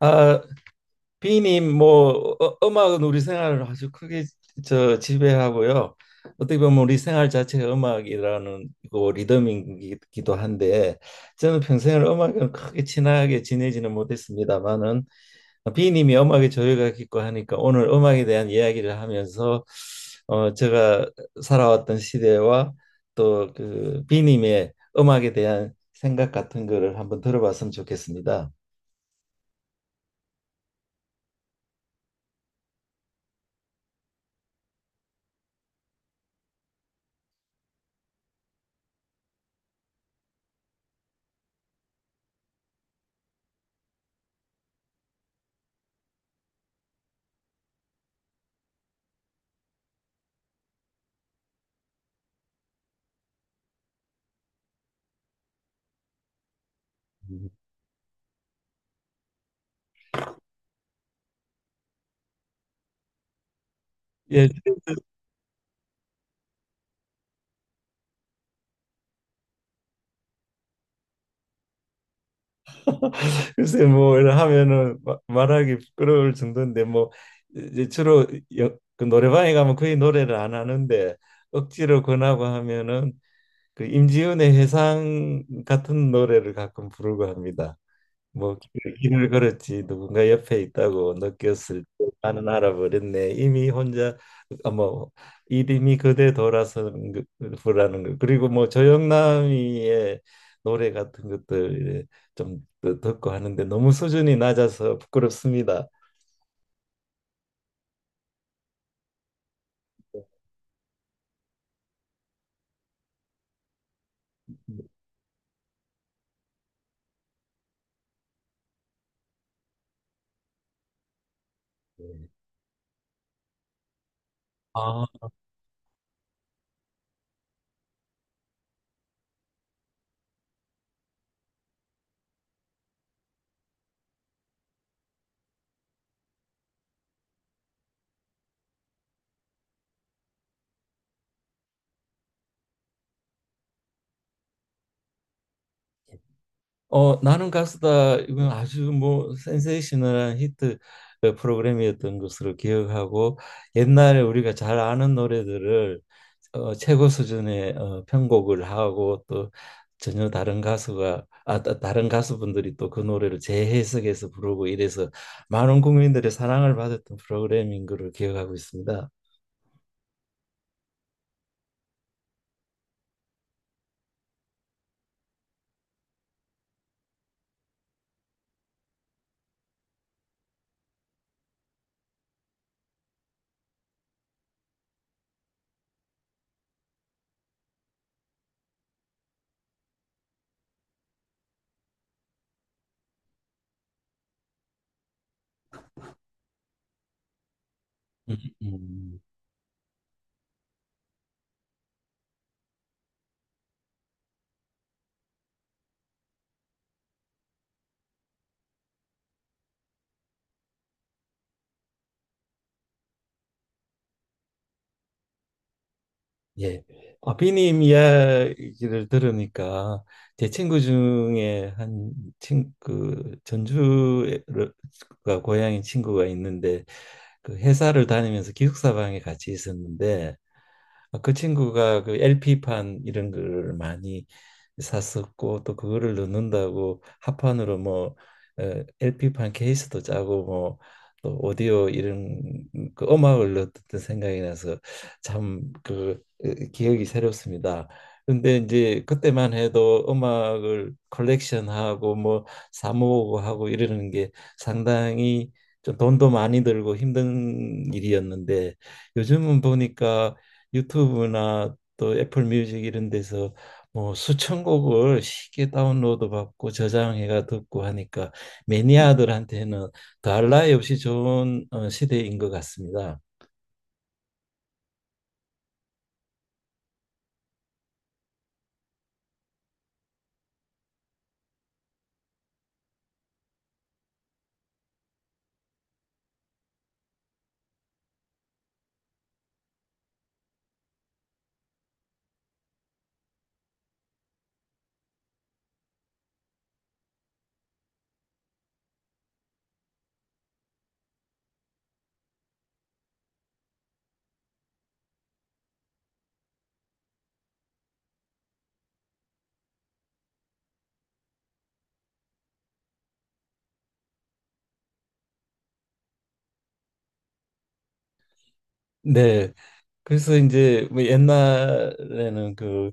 아, 비님 뭐 음악은 우리 생활을 아주 크게 저 지배하고요. 어떻게 보면 우리 생활 자체가 음악이라는 그 리듬이기도 한데 저는 평생을 음악은 크게 친하게 지내지는 못했습니다만은 비님이 음악에 조예가 깊고 하니까 오늘 음악에 대한 이야기를 하면서 제가 살아왔던 시대와 또 그 비님의 음악에 대한 생각 같은 거를 한번 들어봤으면 좋겠습니다. 음. 예. 글쎄 뭐 이런 하면은 말하기 부끄러울 정도인데 뭐 이제 주로 그 노래방에 가면 거의 노래를 안 하는데 억지로 권하고 하면은 그 임지은의 회상 같은 노래를 가끔 부르고 합니다. 뭐 길을 걸었지 누군가 옆에 있다고 느꼈을 때 나는 알아버렸네 이미 혼자. 아, 뭐 이름이 그대 돌아선 거라는 거, 그리고 뭐 조영남이의 노래 같은 것들 좀 듣고 하는데 너무 수준이 낮아서 부끄럽습니다. 네. 아. 나는 가수다 이건 아주 뭐 센세이셔널한 히트, 프로그램이었던 것으로 기억하고 옛날에 우리가 잘 아는 노래들을 최고 수준의 편곡을 하고, 또 전혀 다른 다른 가수분들이 또 그 노래를 재해석해서 부르고 이래서 많은 국민들의 사랑을 받았던 프로그램인 걸로 기억하고 있습니다. 음. 음. 예. 아, 비님 이야기를 들으니까 제 친구 중에 한 그 전주가 고향인 친구가 있는데, 그 회사를 다니면서 기숙사방에 같이 있었는데, 그 친구가 그 LP판 이런 걸 많이 샀었고 또 그거를 넣는다고 합판으로 뭐 LP판 케이스도 짜고 뭐 또 오디오 이런 그 음악을 넣었던 생각이 나서 참그 기억이 새롭습니다. 근데 이제 그때만 해도 음악을 컬렉션하고 뭐 사모으고 하고 이러는 게 상당히 좀 돈도 많이 들고 힘든 일이었는데, 요즘은 보니까 유튜브나 또 애플 뮤직 이런 데서 뭐 수천 곡을 쉽게 다운로드 받고 저장해가 듣고 하니까 매니아들한테는 더할 나위 없이 좋은 시대인 것 같습니다. 네. 그래서 이제 뭐 옛날에는 그,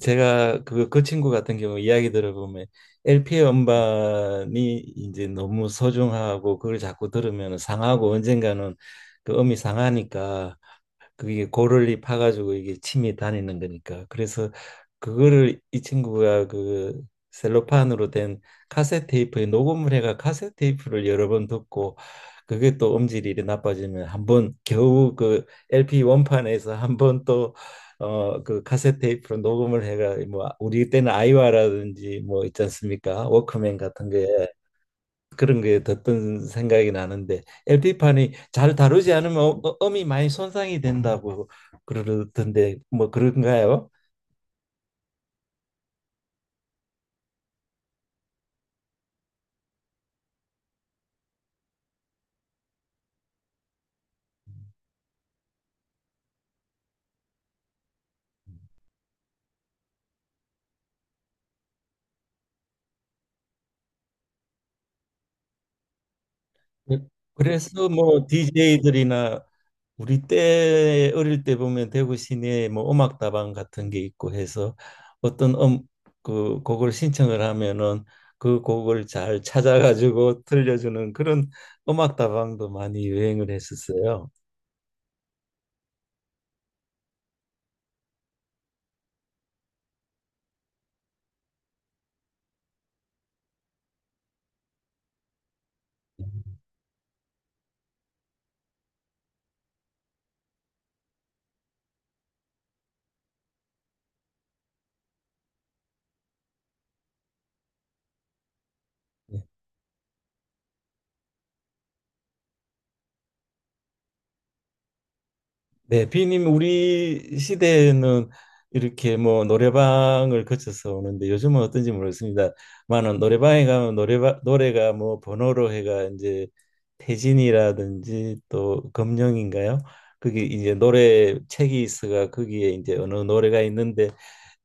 제가 그 친구 같은 경우 이야기 들어보면 LP 음반이 이제 너무 소중하고 그걸 자꾸 들으면 상하고 언젠가는 그 음이 상하니까, 그게 고를리 파가지고 이게 침이 다니는 거니까. 그래서 그거를 이 친구가 그 셀로판으로 된 카세트 테이프에 녹음을 해가 카세트 테이프를 여러 번 듣고, 그게 또 음질이 이리 나빠지면 한번 겨우 그 LP 원판에서 한번 또 그 카세트 테이프로 녹음을 해가, 뭐 우리 때는 아이와라든지 뭐 있지 않습니까? 워크맨 같은 거에 그런 게 듣던 생각이 나는데, LP판이 잘 다루지 않으면 음이 많이 손상이 된다고 그러던데 뭐 그런가요? 네. 그래서 뭐 DJ들이나 우리 때 어릴 때 보면 대구 시내에 뭐 음악다방 같은 게 있고 해서, 어떤 그 곡을 신청을 하면은 그 곡을 잘 찾아가지고 들려주는 그런 음악다방도 많이 유행을 했었어요. 네. 네, 비님 우리 시대에는 이렇게 뭐 노래방을 거쳐서 오는데 요즘은 어떤지 모르겠습니다만은, 노래방에 가면 노래방 노래가 뭐 번호로 해가, 이제 태진이라든지 또 검령인가요? 그게 이제 노래 책이 있어가 거기에 이제 어느 노래가 있는데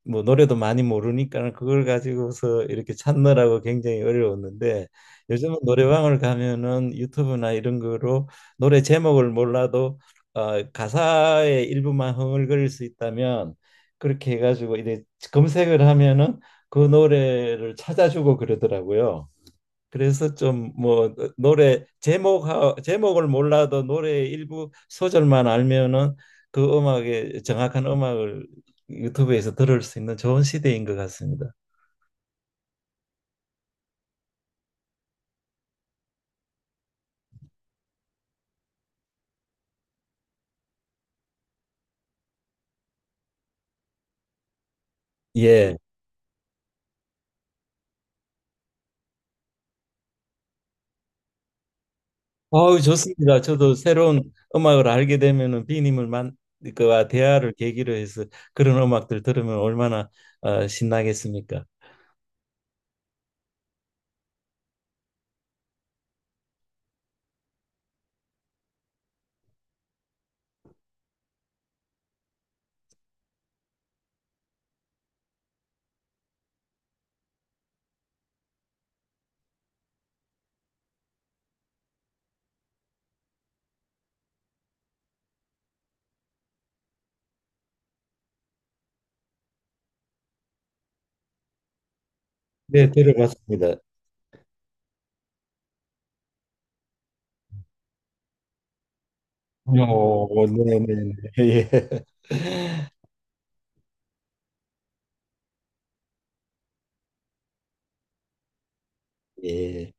뭐 노래도 많이 모르니까 그걸 가지고서 이렇게 찾느라고 굉장히 어려웠는데, 요즘은 노래방을 가면은 유튜브나 이런 거로 노래 제목을 몰라도 가사의 일부만 흥얼거릴 수 있다면 그렇게 해가지고 이제 검색을 하면은 그 노래를 찾아주고 그러더라고요. 그래서 좀 뭐 노래 제목을 몰라도 노래의 일부 소절만 알면은 그 음악의 정확한 음악을 유튜브에서 들을 수 있는 좋은 시대인 것 같습니다. 예. 아우, 좋습니다. 저도 새로운 음악을 알게 되면은 비님을 만 그와 대화를 계기로 해서 그런 음악들 들으면 얼마나 신나겠습니까? 네, 들어봤습니다. 어, 네네네. 예. 예.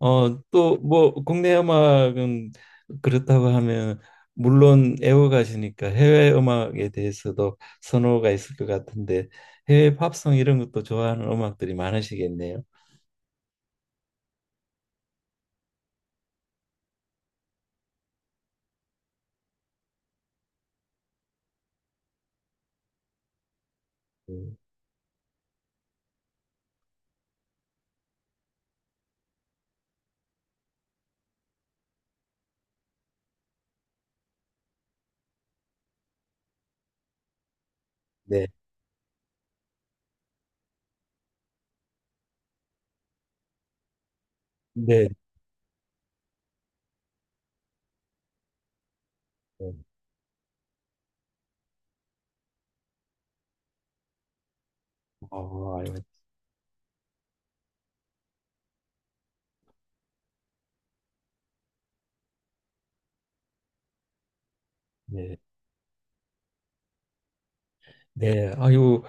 또 뭐 국내 음악은 그렇다고 하면, 물론 애호가시니까 해외 음악에 대해서도 선호가 있을 것 같은데, 해외 팝송 이런 것도 좋아하는 음악들이 많으시겠네요. 음, 네, 네, 네. 어, 아유, 네, 네, 아유,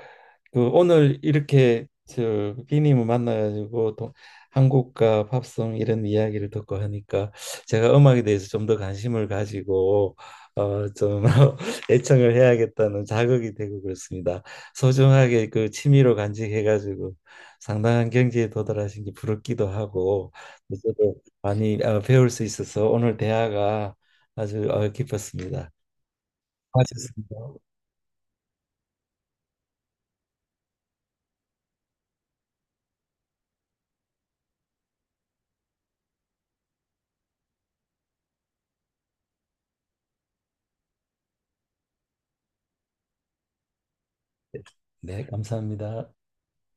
그 오늘 이렇게 저 비님을 만나가지고 한국과 팝송 이런 이야기를 듣고 하니까 제가 음악에 대해서 좀 더 관심을 가지고 어좀 애청을 해야겠다는 자극이 되고 그렇습니다. 소중하게 그 취미로 간직해가지고 상당한 경지에 도달하신 게 부럽기도 하고, 저도 많이 배울 수 있어서 오늘 대화가 아주 깊었습니다. 고맙습니다. 네, 감사합니다.